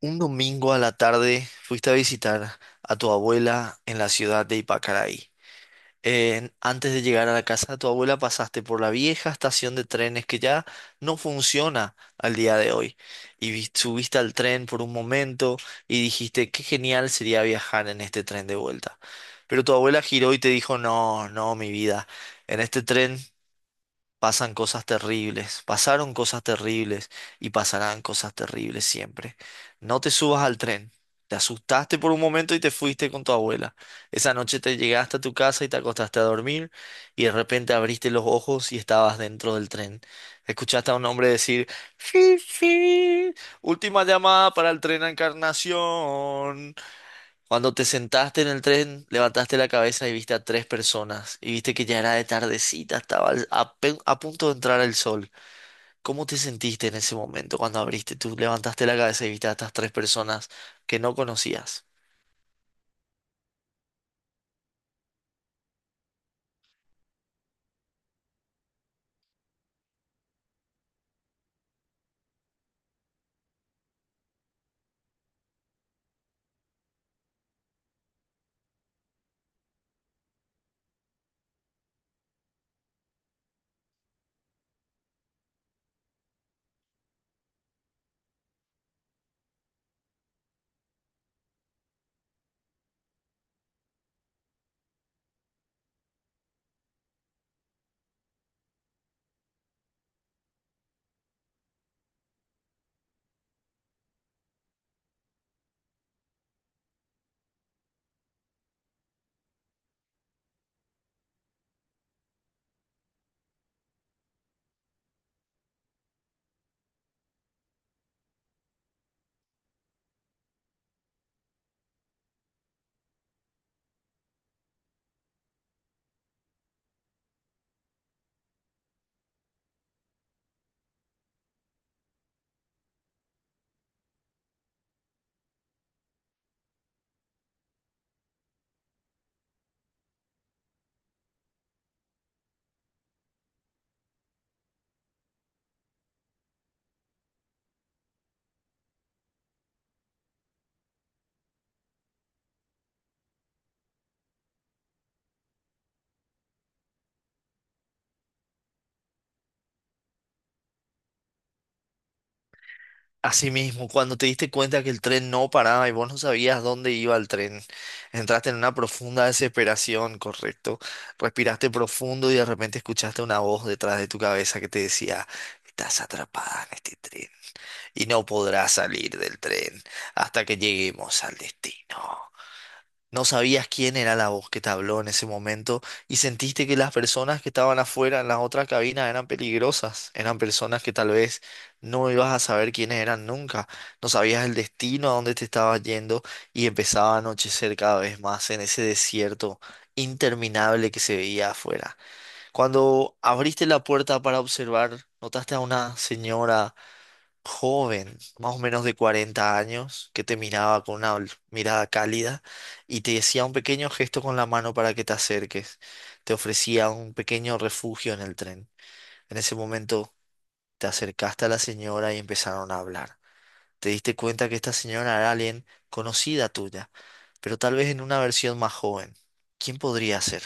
Un domingo a la tarde fuiste a visitar a tu abuela en la ciudad de Ipacaraí. Antes de llegar a la casa de tu abuela pasaste por la vieja estación de trenes que ya no funciona al día de hoy. Y subiste al tren por un momento y dijiste qué genial sería viajar en este tren de vuelta. Pero tu abuela giró y te dijo, no, no, mi vida, en este tren pasan cosas terribles, pasaron cosas terribles y pasarán cosas terribles siempre. No te subas al tren. Te asustaste por un momento y te fuiste con tu abuela. Esa noche te llegaste a tu casa y te acostaste a dormir y de repente abriste los ojos y estabas dentro del tren. Escuchaste a un hombre decir, "Fi, fi, última llamada para el tren a Encarnación". Cuando te sentaste en el tren, levantaste la cabeza y viste a tres personas y viste que ya era de tardecita, estaba a punto de entrar el sol. ¿Cómo te sentiste en ese momento cuando abriste, tú levantaste la cabeza y viste a estas tres personas que no conocías? Asimismo, cuando te diste cuenta que el tren no paraba y vos no sabías dónde iba el tren, entraste en una profunda desesperación, ¿correcto? Respiraste profundo y de repente escuchaste una voz detrás de tu cabeza que te decía, estás atrapada en este tren y no podrás salir del tren hasta que lleguemos al destino. No sabías quién era la voz que te habló en ese momento y sentiste que las personas que estaban afuera en las otras cabinas eran peligrosas, eran personas que tal vez no ibas a saber quiénes eran nunca, no sabías el destino a dónde te estabas yendo y empezaba a anochecer cada vez más en ese desierto interminable que se veía afuera. Cuando abriste la puerta para observar, notaste a una señora joven, más o menos de 40 años, que te miraba con una mirada cálida y te decía un pequeño gesto con la mano para que te acerques. Te ofrecía un pequeño refugio en el tren. En ese momento te acercaste a la señora y empezaron a hablar. Te diste cuenta que esta señora era alguien conocida tuya, pero tal vez en una versión más joven. ¿Quién podría ser?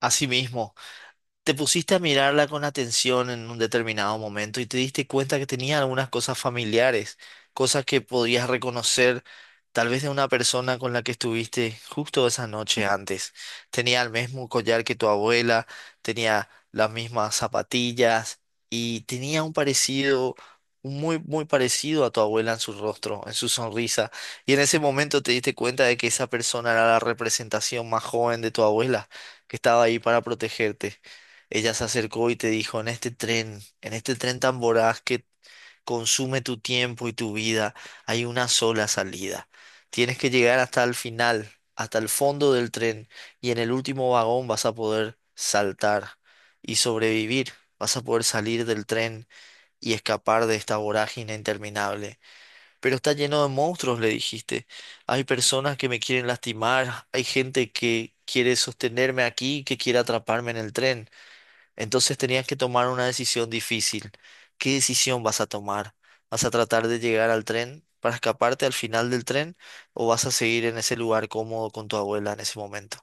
Asimismo, te pusiste a mirarla con atención en un determinado momento y te diste cuenta que tenía algunas cosas familiares, cosas que podías reconocer tal vez de una persona con la que estuviste justo esa noche antes. Tenía el mismo collar que tu abuela, tenía las mismas zapatillas y tenía un parecido, un muy, muy parecido a tu abuela en su rostro, en su sonrisa. Y en ese momento te diste cuenta de que esa persona era la representación más joven de tu abuela, que estaba ahí para protegerte. Ella se acercó y te dijo, en este tren tan voraz que consume tu tiempo y tu vida, hay una sola salida. Tienes que llegar hasta el final, hasta el fondo del tren, y en el último vagón vas a poder saltar y sobrevivir. Vas a poder salir del tren y escapar de esta vorágine interminable. Pero está lleno de monstruos, le dijiste. Hay personas que me quieren lastimar, hay gente que quiere sostenerme aquí, que quiere atraparme en el tren. Entonces tenías que tomar una decisión difícil. ¿Qué decisión vas a tomar? ¿Vas a tratar de llegar al tren para escaparte al final del tren o vas a seguir en ese lugar cómodo con tu abuela en ese momento?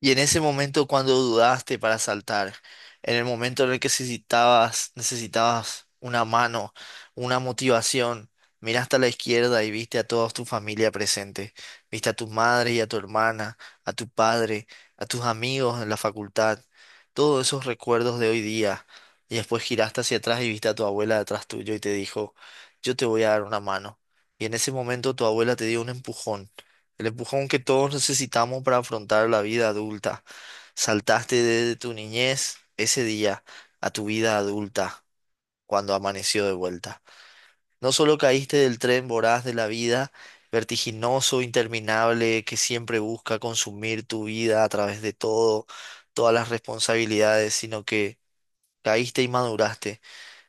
Y en ese momento cuando dudaste para saltar, en el momento en el que necesitabas una mano, una motivación, miraste a la izquierda y viste a toda tu familia presente. Viste a tu madre y a tu hermana, a tu padre, a tus amigos en la facultad, todos esos recuerdos de hoy día. Y después giraste hacia atrás y viste a tu abuela detrás tuyo y te dijo, yo te voy a dar una mano. Y en ese momento tu abuela te dio un empujón, el empujón que todos necesitamos para afrontar la vida adulta. Saltaste desde tu niñez ese día a tu vida adulta cuando amaneció de vuelta. No solo caíste del tren voraz de la vida, vertiginoso, interminable, que siempre busca consumir tu vida a través de todo, todas las responsabilidades, sino que caíste y maduraste.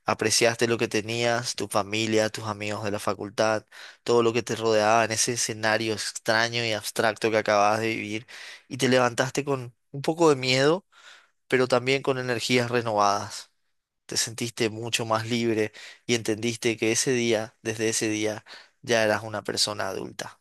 Apreciaste lo que tenías, tu familia, tus amigos de la facultad, todo lo que te rodeaba en ese escenario extraño y abstracto que acababas de vivir, y te levantaste con un poco de miedo, pero también con energías renovadas. Te sentiste mucho más libre y entendiste que ese día, desde ese día, ya eras una persona adulta.